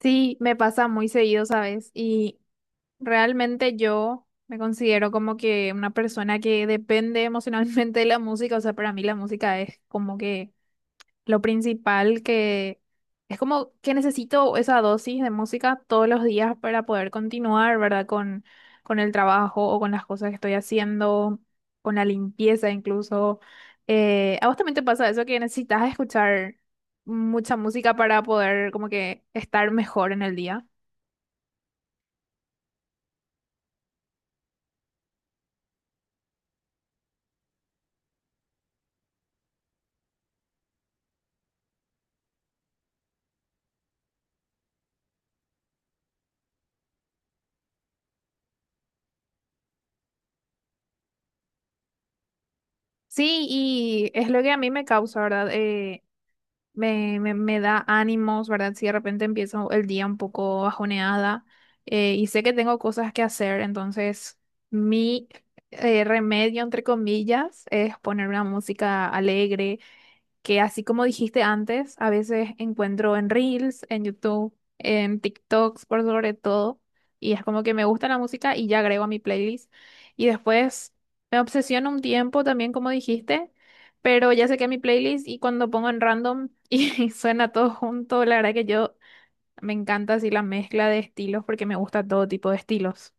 Sí, me pasa muy seguido, ¿sabes? Y realmente yo me considero como que una persona que depende emocionalmente de la música, o sea, para mí la música es como que lo principal que es como que necesito esa dosis de música todos los días para poder continuar, ¿verdad? Con el trabajo o con las cosas que estoy haciendo, con la limpieza incluso. ¿A vos también te pasa eso que necesitas escuchar mucha música para poder como que estar mejor en el día? Sí, y es lo que a mí me causa, ¿verdad? Me da ánimos, ¿verdad? Si de repente empiezo el día un poco bajoneada y sé que tengo cosas que hacer, entonces mi remedio, entre comillas, es poner una música alegre que así como dijiste antes, a veces encuentro en Reels, en YouTube, en TikToks, por sobre todo, y es como que me gusta la música y ya agrego a mi playlist. Y después me obsesiono un tiempo también, como dijiste, pero ya sé que mi playlist y cuando pongo en random y suena todo junto, la verdad que yo me encanta así la mezcla de estilos porque me gusta todo tipo de estilos.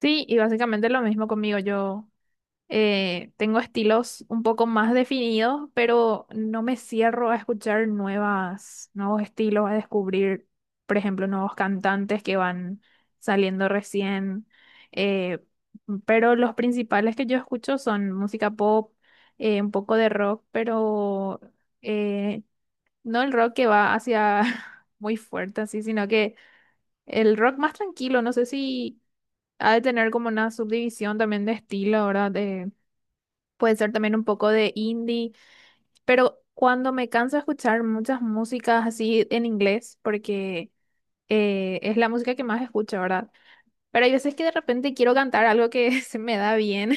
Sí, y básicamente lo mismo conmigo, yo. Tengo estilos un poco más definidos, pero no me cierro a escuchar nuevos estilos, a descubrir, por ejemplo, nuevos cantantes que van saliendo recién. eh, pero los principales que yo escucho son música pop, un poco de rock, pero eh, no el rock que va hacia muy fuerte así, sino que el rock más tranquilo. No sé si ha de tener como una subdivisión también de estilo, ¿verdad? De puede ser también un poco de indie, pero cuando me canso de escuchar muchas músicas así en inglés, porque es la música que más escucho, ¿verdad? Pero hay veces que de repente quiero cantar algo que se me da bien,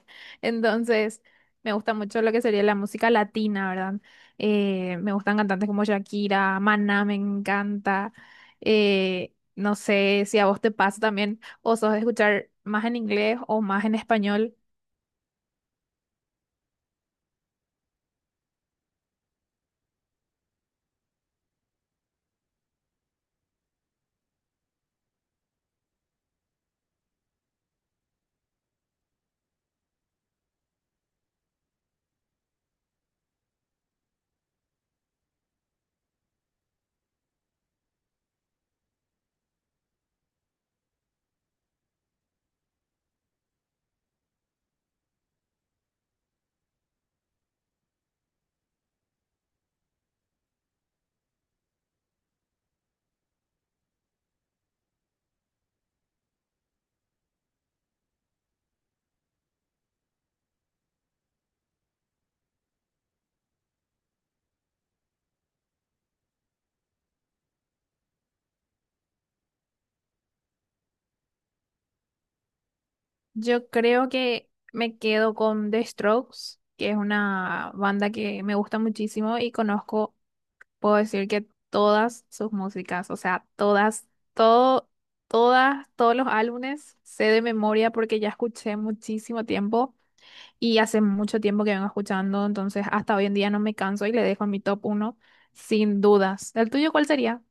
entonces me gusta mucho lo que sería la música latina, ¿verdad? Me gustan cantantes como Shakira, Maná me encanta, no sé si a vos te pasa también, o sos de escuchar más en inglés o más en español. Yo creo que me quedo con The Strokes, que es una banda que me gusta muchísimo y conozco, puedo decir que todas sus músicas, o sea, todas, todo, todas, todos los álbumes sé de memoria porque ya escuché muchísimo tiempo y hace mucho tiempo que vengo escuchando, entonces hasta hoy en día no me canso y le dejo en mi top uno sin dudas. ¿El tuyo cuál sería?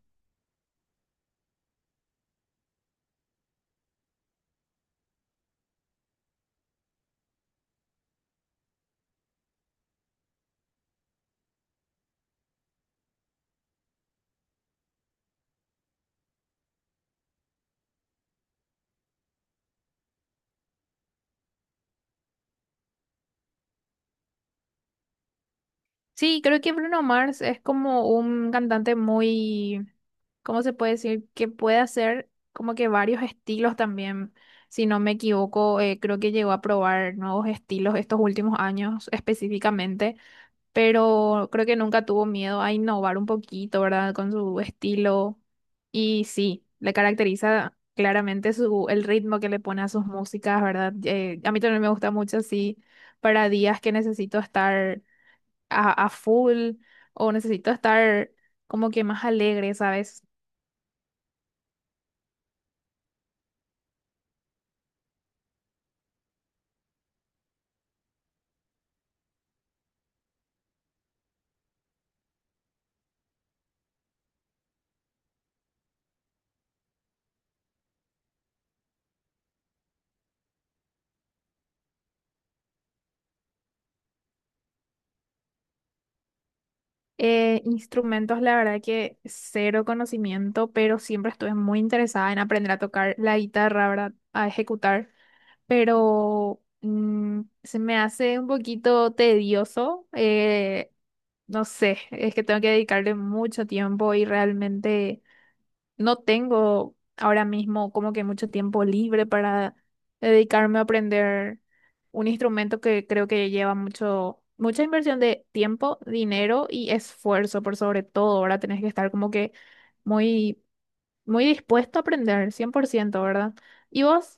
Sí, creo que Bruno Mars es como un cantante muy, ¿cómo se puede decir? Que puede hacer como que varios estilos también. Si no me equivoco, creo que llegó a probar nuevos estilos estos últimos años específicamente, pero creo que nunca tuvo miedo a innovar un poquito, ¿verdad? Con su estilo. Y sí, le caracteriza claramente su, el ritmo que le pone a sus músicas, ¿verdad? A mí también me gusta mucho así para días que necesito estar a full o necesito estar como que más alegre, ¿sabes? Instrumentos, la verdad que cero conocimiento, pero siempre estuve muy interesada en aprender a tocar la guitarra, ¿verdad? A ejecutar, pero se me hace un poquito tedioso, no sé, es que tengo que dedicarle mucho tiempo y realmente... No tengo ahora mismo como que mucho tiempo libre para dedicarme a aprender un instrumento que creo que lleva mucho, mucha inversión de tiempo, dinero y esfuerzo, por sobre todo. Ahora tenés que estar como que muy, muy dispuesto a aprender, cien por ciento, ¿verdad? ¿Y vos?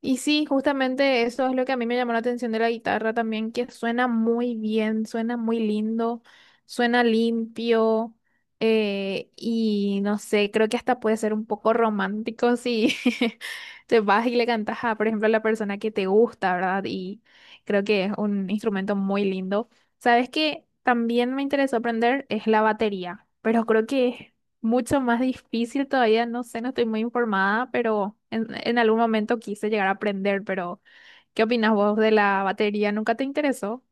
Y sí, justamente eso es lo que a mí me llamó la atención de la guitarra también, que suena muy bien, suena muy lindo, suena limpio, y no sé, creo que hasta puede ser un poco romántico si te vas y le cantas a, por ejemplo, a la persona que te gusta, ¿verdad? Y creo que es un instrumento muy lindo. ¿Sabes qué? También me interesó aprender es la batería, pero creo que es mucho más difícil todavía, no sé, no estoy muy informada, pero en algún momento quise llegar a aprender, pero ¿qué opinas vos de la batería? ¿Nunca te interesó?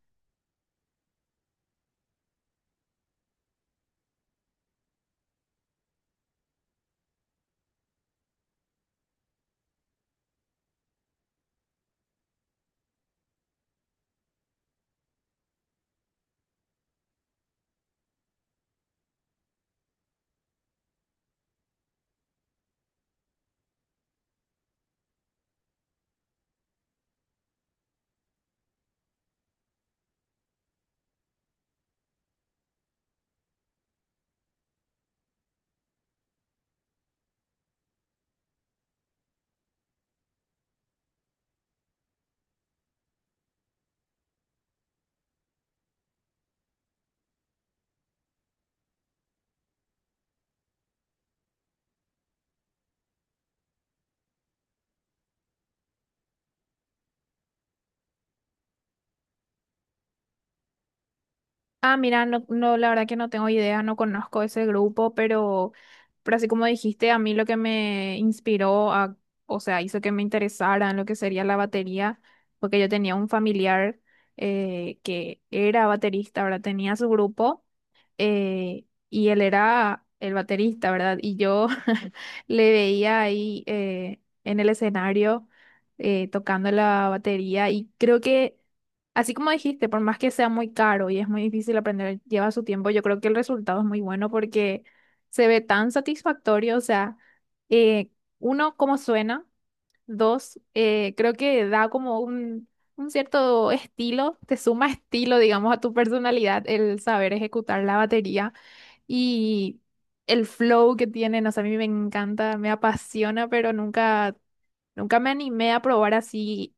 Ah, mira, no, no, la verdad que no tengo idea, no conozco ese grupo, pero así como dijiste, a mí lo que me inspiró a, o sea, hizo que me interesara en lo que sería la batería, porque yo tenía un familiar que era baterista, ¿verdad? Tenía su grupo eh, y él era el baterista, ¿verdad? Y yo le veía ahí en el escenario tocando la batería y creo que, así como dijiste, por más que sea muy caro y es muy difícil aprender, lleva su tiempo, yo creo que el resultado es muy bueno porque se ve tan satisfactorio, o sea, eh, uno, cómo suena, dos, creo que da como un cierto estilo, te suma estilo, digamos, a tu personalidad el saber ejecutar la batería y el flow que tiene, no sé, a mí me encanta, me apasiona, pero nunca, nunca me animé a probar así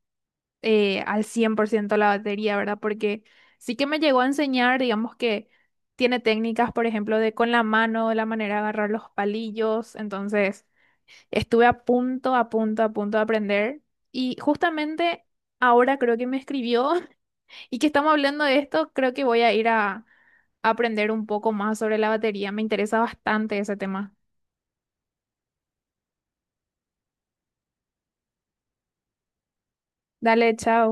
al 100% la batería, ¿verdad? Porque sí que me llegó a enseñar, digamos que tiene técnicas, por ejemplo, de con la mano, la manera de agarrar los palillos. Entonces, estuve a punto, a punto, a punto de aprender. Y justamente ahora creo que me escribió y que estamos hablando de esto, creo que voy a ir a aprender un poco más sobre la batería. Me interesa bastante ese tema. Dale, chao.